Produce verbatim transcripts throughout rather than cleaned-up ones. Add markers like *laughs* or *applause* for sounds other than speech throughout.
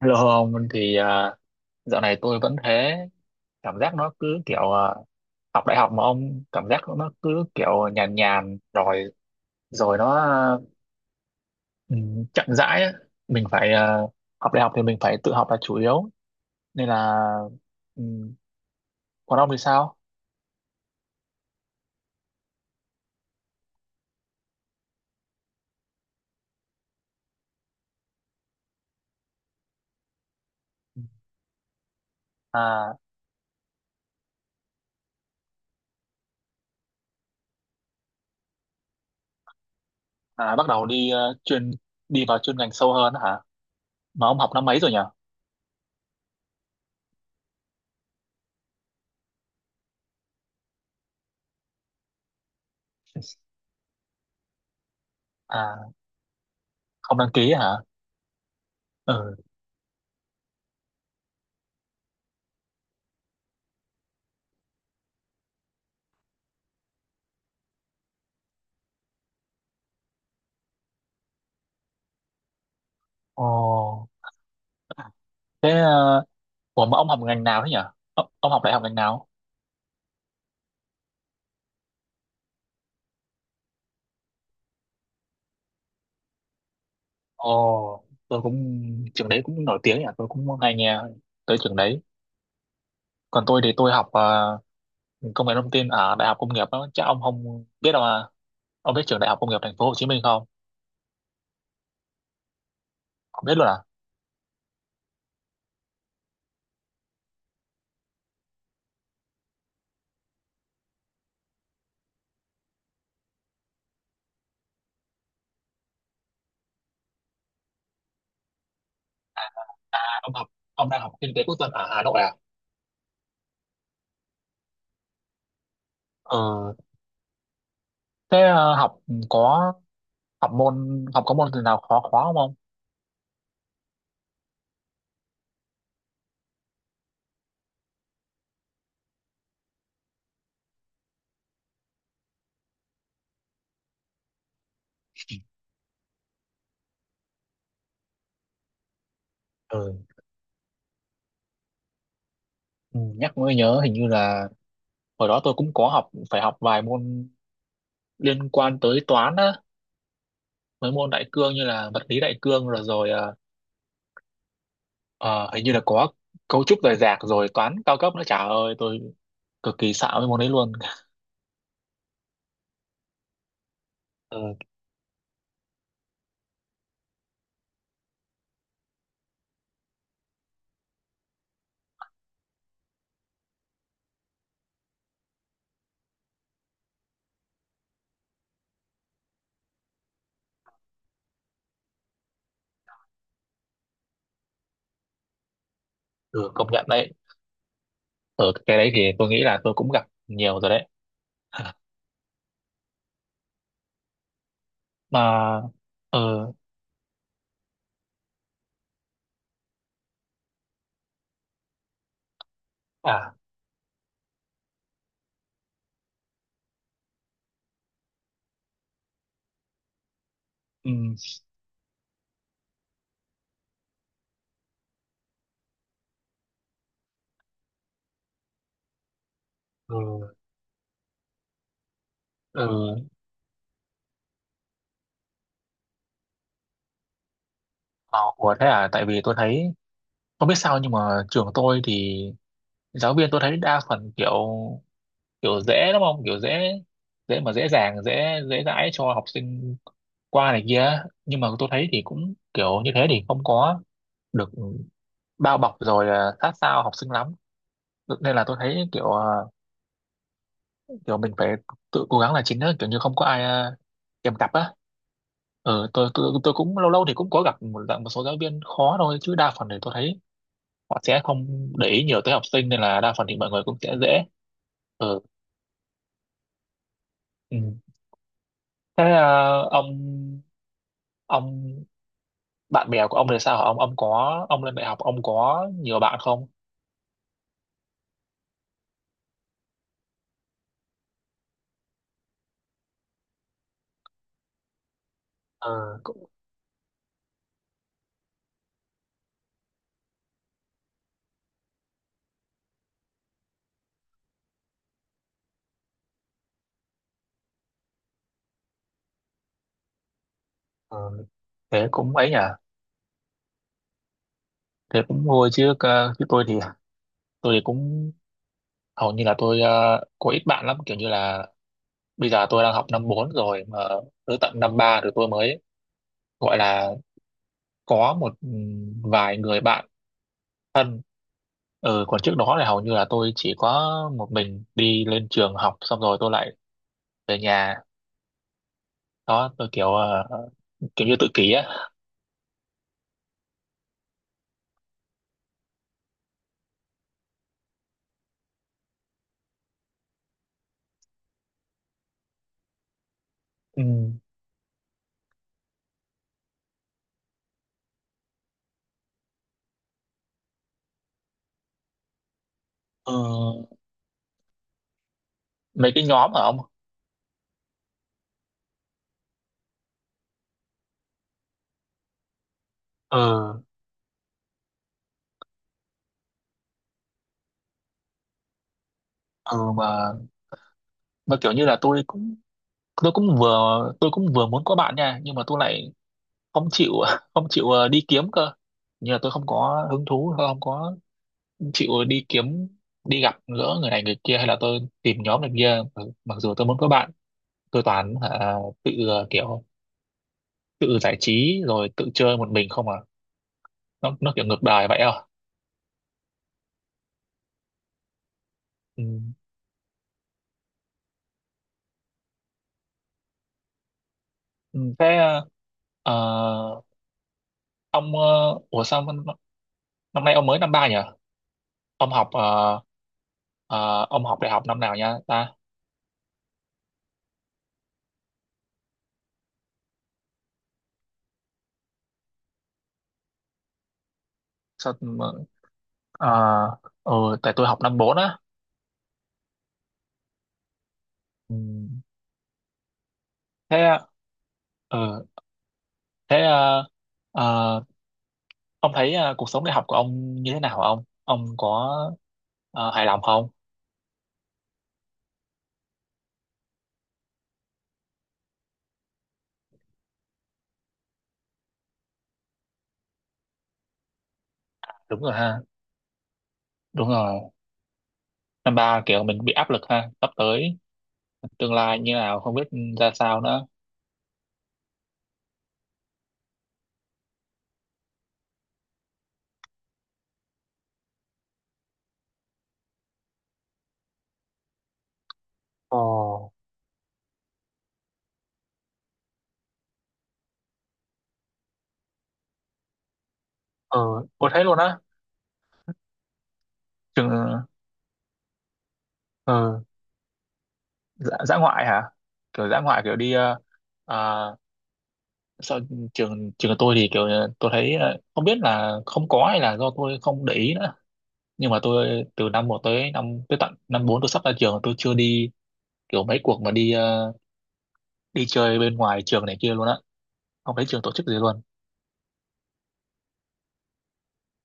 Hello ông thì à, dạo này tôi vẫn thế. Cảm giác nó cứ kiểu à, học đại học mà ông, cảm giác nó cứ kiểu nhàn nhàn rồi rồi nó ừ, chậm rãi á. Mình phải à, học đại học thì mình phải tự học là chủ yếu, nên là ừ, còn ông thì sao? À, à bắt đầu đi ờ, chuyên, đi vào chuyên ngành sâu hơn á hả? Mà ông học năm mấy rồi nhỉ? *laughs* À không đăng ký hả? Ừ. Ồ. thế uh, ủa mà ông học ngành nào thế nhỉ? Ông ông học đại học ngành nào? Ồ, tôi cũng, trường đấy cũng nổi tiếng nhỉ, tôi cũng hay nghe tới trường đấy. Còn tôi thì tôi học ờ, công nghệ thông tin ở Đại học Công nghiệp đó, chắc ông không biết đâu à? Ông biết trường Đại học Công nghiệp Thành phố Hồ Chí Minh không? Không biết luôn à? À, ông học, ông đang học kinh tế quốc dân ở Hà Nội à? Ừ, thế ờ, học có, học môn học có môn gì nào khó khó không ông? Ừ, ừ, nhắc mới nhớ hình như là hồi đó tôi cũng có học, phải học vài môn liên quan tới toán á, mấy môn đại cương như là vật lý đại cương rồi rồi Ờ, hình như là có cấu trúc rời rạc rồi toán cao cấp nữa, chả ơi tôi cực kỳ sợ với môn đấy luôn. Ừ, ừ, công nhận đấy, ở cái đấy thì tôi nghĩ là tôi cũng gặp nhiều rồi đấy. *laughs* Mà ừ, à, ừ, ừ, ừ, ờ, ủa thế à, tại vì tôi thấy không biết sao nhưng mà trường tôi thì giáo viên tôi thấy đa phần kiểu, kiểu dễ đúng không, kiểu dễ dễ mà dễ dàng dễ dễ dãi cho học sinh qua này kia, nhưng mà tôi thấy thì cũng kiểu như thế thì không có được bao bọc rồi à, sát sao học sinh lắm, nên là tôi thấy kiểu à, kiểu mình phải tự cố gắng là chính á, kiểu như không có ai à, kèm cặp á. Ừ, tôi, tôi tôi cũng lâu lâu thì cũng có gặp một, dạng một số giáo viên khó thôi, chứ đa phần thì tôi thấy họ sẽ không để ý nhiều tới học sinh, nên là đa phần thì mọi người cũng sẽ dễ. Ừ. Ừ. Thế à, ông ông bạn bè của ông thì sao hả? ông ông có, ông lên đại học ông có nhiều bạn không? Ờ, cũng, ờ, thế cũng ấy nhỉ, thế cũng vui chứ. ờ, Chứ tôi thì, tôi thì cũng hầu như là tôi ờ, có ít bạn lắm, kiểu như là bây giờ tôi đang học năm bốn rồi mà tới tận năm ba rồi tôi mới gọi là có một ừm, vài người bạn. Ừ, còn trước đó là hầu như là tôi chỉ có một mình đi lên trường học, xong rồi tôi lại về nhà. Đó tôi kiểu ờ, kiểu như tự kỷ á. Ừ. Ờ, mấy cái nhóm ở ông. Ờ. Ừ mà mà kiểu như là tôi cũng, tôi cũng vừa, tôi cũng vừa muốn có bạn nha, nhưng mà tôi lại không chịu *laughs* không chịu ờ, đi kiếm cơ. Nhưng là tôi không có hứng thú, tôi không có chịu đi kiếm, đi gặp gỡ người này người kia, hay là tôi tìm nhóm này kia, mặc mặc dù tôi muốn có bạn. Tôi toàn hả, tự ờ, kiểu tự giải trí rồi tự chơi một mình không à. nó nó kiểu ngược đời vậy à. Ừ. Ừ. thế ờ, ông ờ, ủa sao năm năm nay ông mới năm ba nhỉ? Ông học ờ, ờ, ông học đại học năm nào nha ta? Sao? Ờ. Ờ, ừ, tại tôi học năm bốn á. Ừ. thế ờ, thế ờ, ờ, ông thấy ờ, cuộc sống đại học của ông như thế nào hả? Ông ông có ờ, hài lòng không? Đúng rồi ha. Đúng rồi, năm ba kiểu mình bị áp lực ha, sắp tới tương lai như nào không biết ra sao nữa. Ồ. Ờ, có thế luôn á? Trường. Ờ. dã, dã ngoại hả? Kiểu dã ngoại kiểu đi ờ, ờ, Sao? Trường, trường của tôi thì kiểu ờ, tôi thấy ờ, không biết là không có hay là do tôi không để ý nữa, nhưng mà tôi từ năm một tới năm, tới tận năm bốn tôi sắp ra trường tôi chưa đi kiểu mấy cuộc mà đi ờ, đi chơi bên ngoài trường này kia luôn á, không thấy trường tổ chức gì luôn.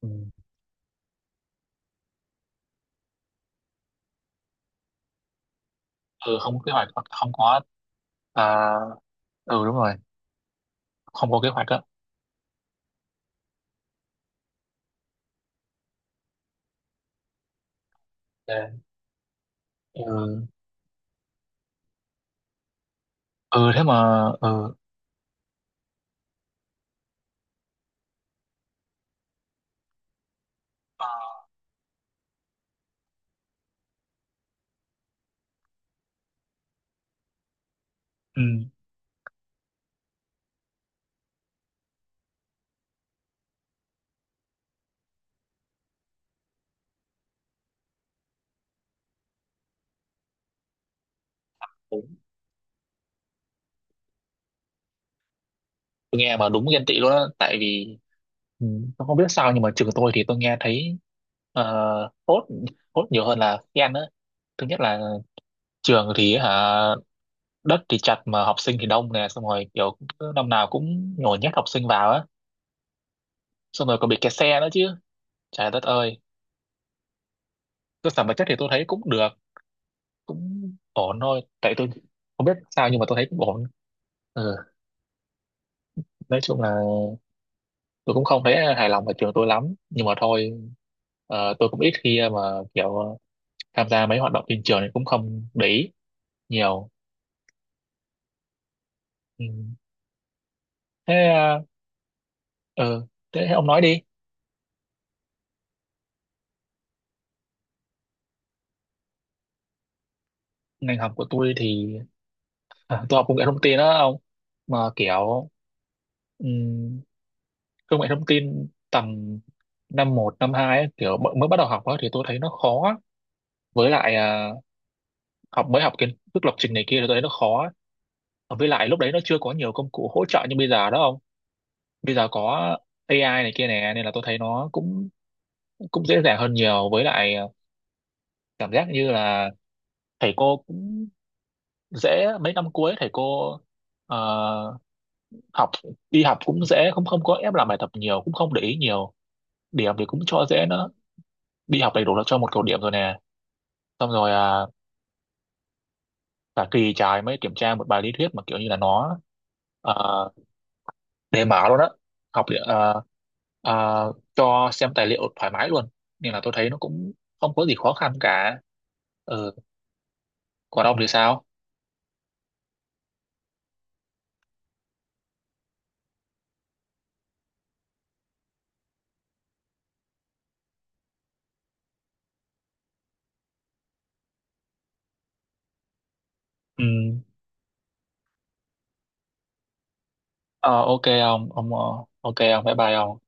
Ừ. Ừ không có kế hoạch, hoặc không có, à, ừ đúng rồi, không có kế hoạch á. Dạ. Ừ. Ừ thế mà ừ. Ờ, ừ. Đúng. Tôi nghe mà đúng ghen tị luôn á, tại vì ừ, tôi không biết sao nhưng mà trường tôi thì tôi nghe thấy ờ, tốt, tốt nhiều hơn là ghen á. Thứ nhất là trường thì hả, đất thì chặt mà học sinh thì đông nè, xong rồi kiểu cứ năm nào cũng nhồi nhét học sinh vào á, xong rồi còn bị kẹt xe nữa chứ, trời đất ơi. Cơ sở vật chất thì tôi thấy cũng được, cũng ổn thôi, tại tôi không biết sao nhưng mà tôi thấy cũng ổn. Ừ. Nói chung là tôi cũng không thấy hài lòng ở trường tôi lắm, nhưng mà thôi, ờ, tôi cũng ít khi mà kiểu tham gia mấy hoạt động trên trường thì cũng không để ý nhiều. Ừ. thế ờ, ừ. Thế ông nói đi. Ngành học của tôi thì *laughs* à, tôi học công nghệ thông tin đó ông, mà kiểu ừm, công nghệ thông tin tầm năm một năm hai ấy, kiểu bọn-, mới bắt đầu học á thì tôi thấy nó khó á. Với lại à, học, mới học kiến thức lập trình này kia thì tôi thấy nó khó á. Và với lại lúc đấy nó chưa có nhiều công cụ hỗ trợ như bây giờ đó không, bây giờ có A I này kia nè, nên là tôi thấy nó cũng, cũng dễ dàng hơn nhiều. Với lại à, cảm giác như là thầy cô cũng dễ, mấy năm cuối thầy cô ờ, học đi học cũng dễ, cũng không có ép làm bài tập nhiều, cũng không để ý nhiều, điểm thì cũng cho dễ nữa, đi học đầy đủ là cho một cột điểm rồi nè, xong rồi à, cả kỳ trái mới kiểm tra một bài lý thuyết, mà kiểu như là nó à, đề mở luôn á, học liệu- à, à, cho xem tài liệu thoải mái luôn, nên là tôi thấy nó cũng không có gì khó khăn cả. Ừ. Còn ông thì sao? Ừ. Ờ, ok ông ông ờ, ok ông, bye bye ông.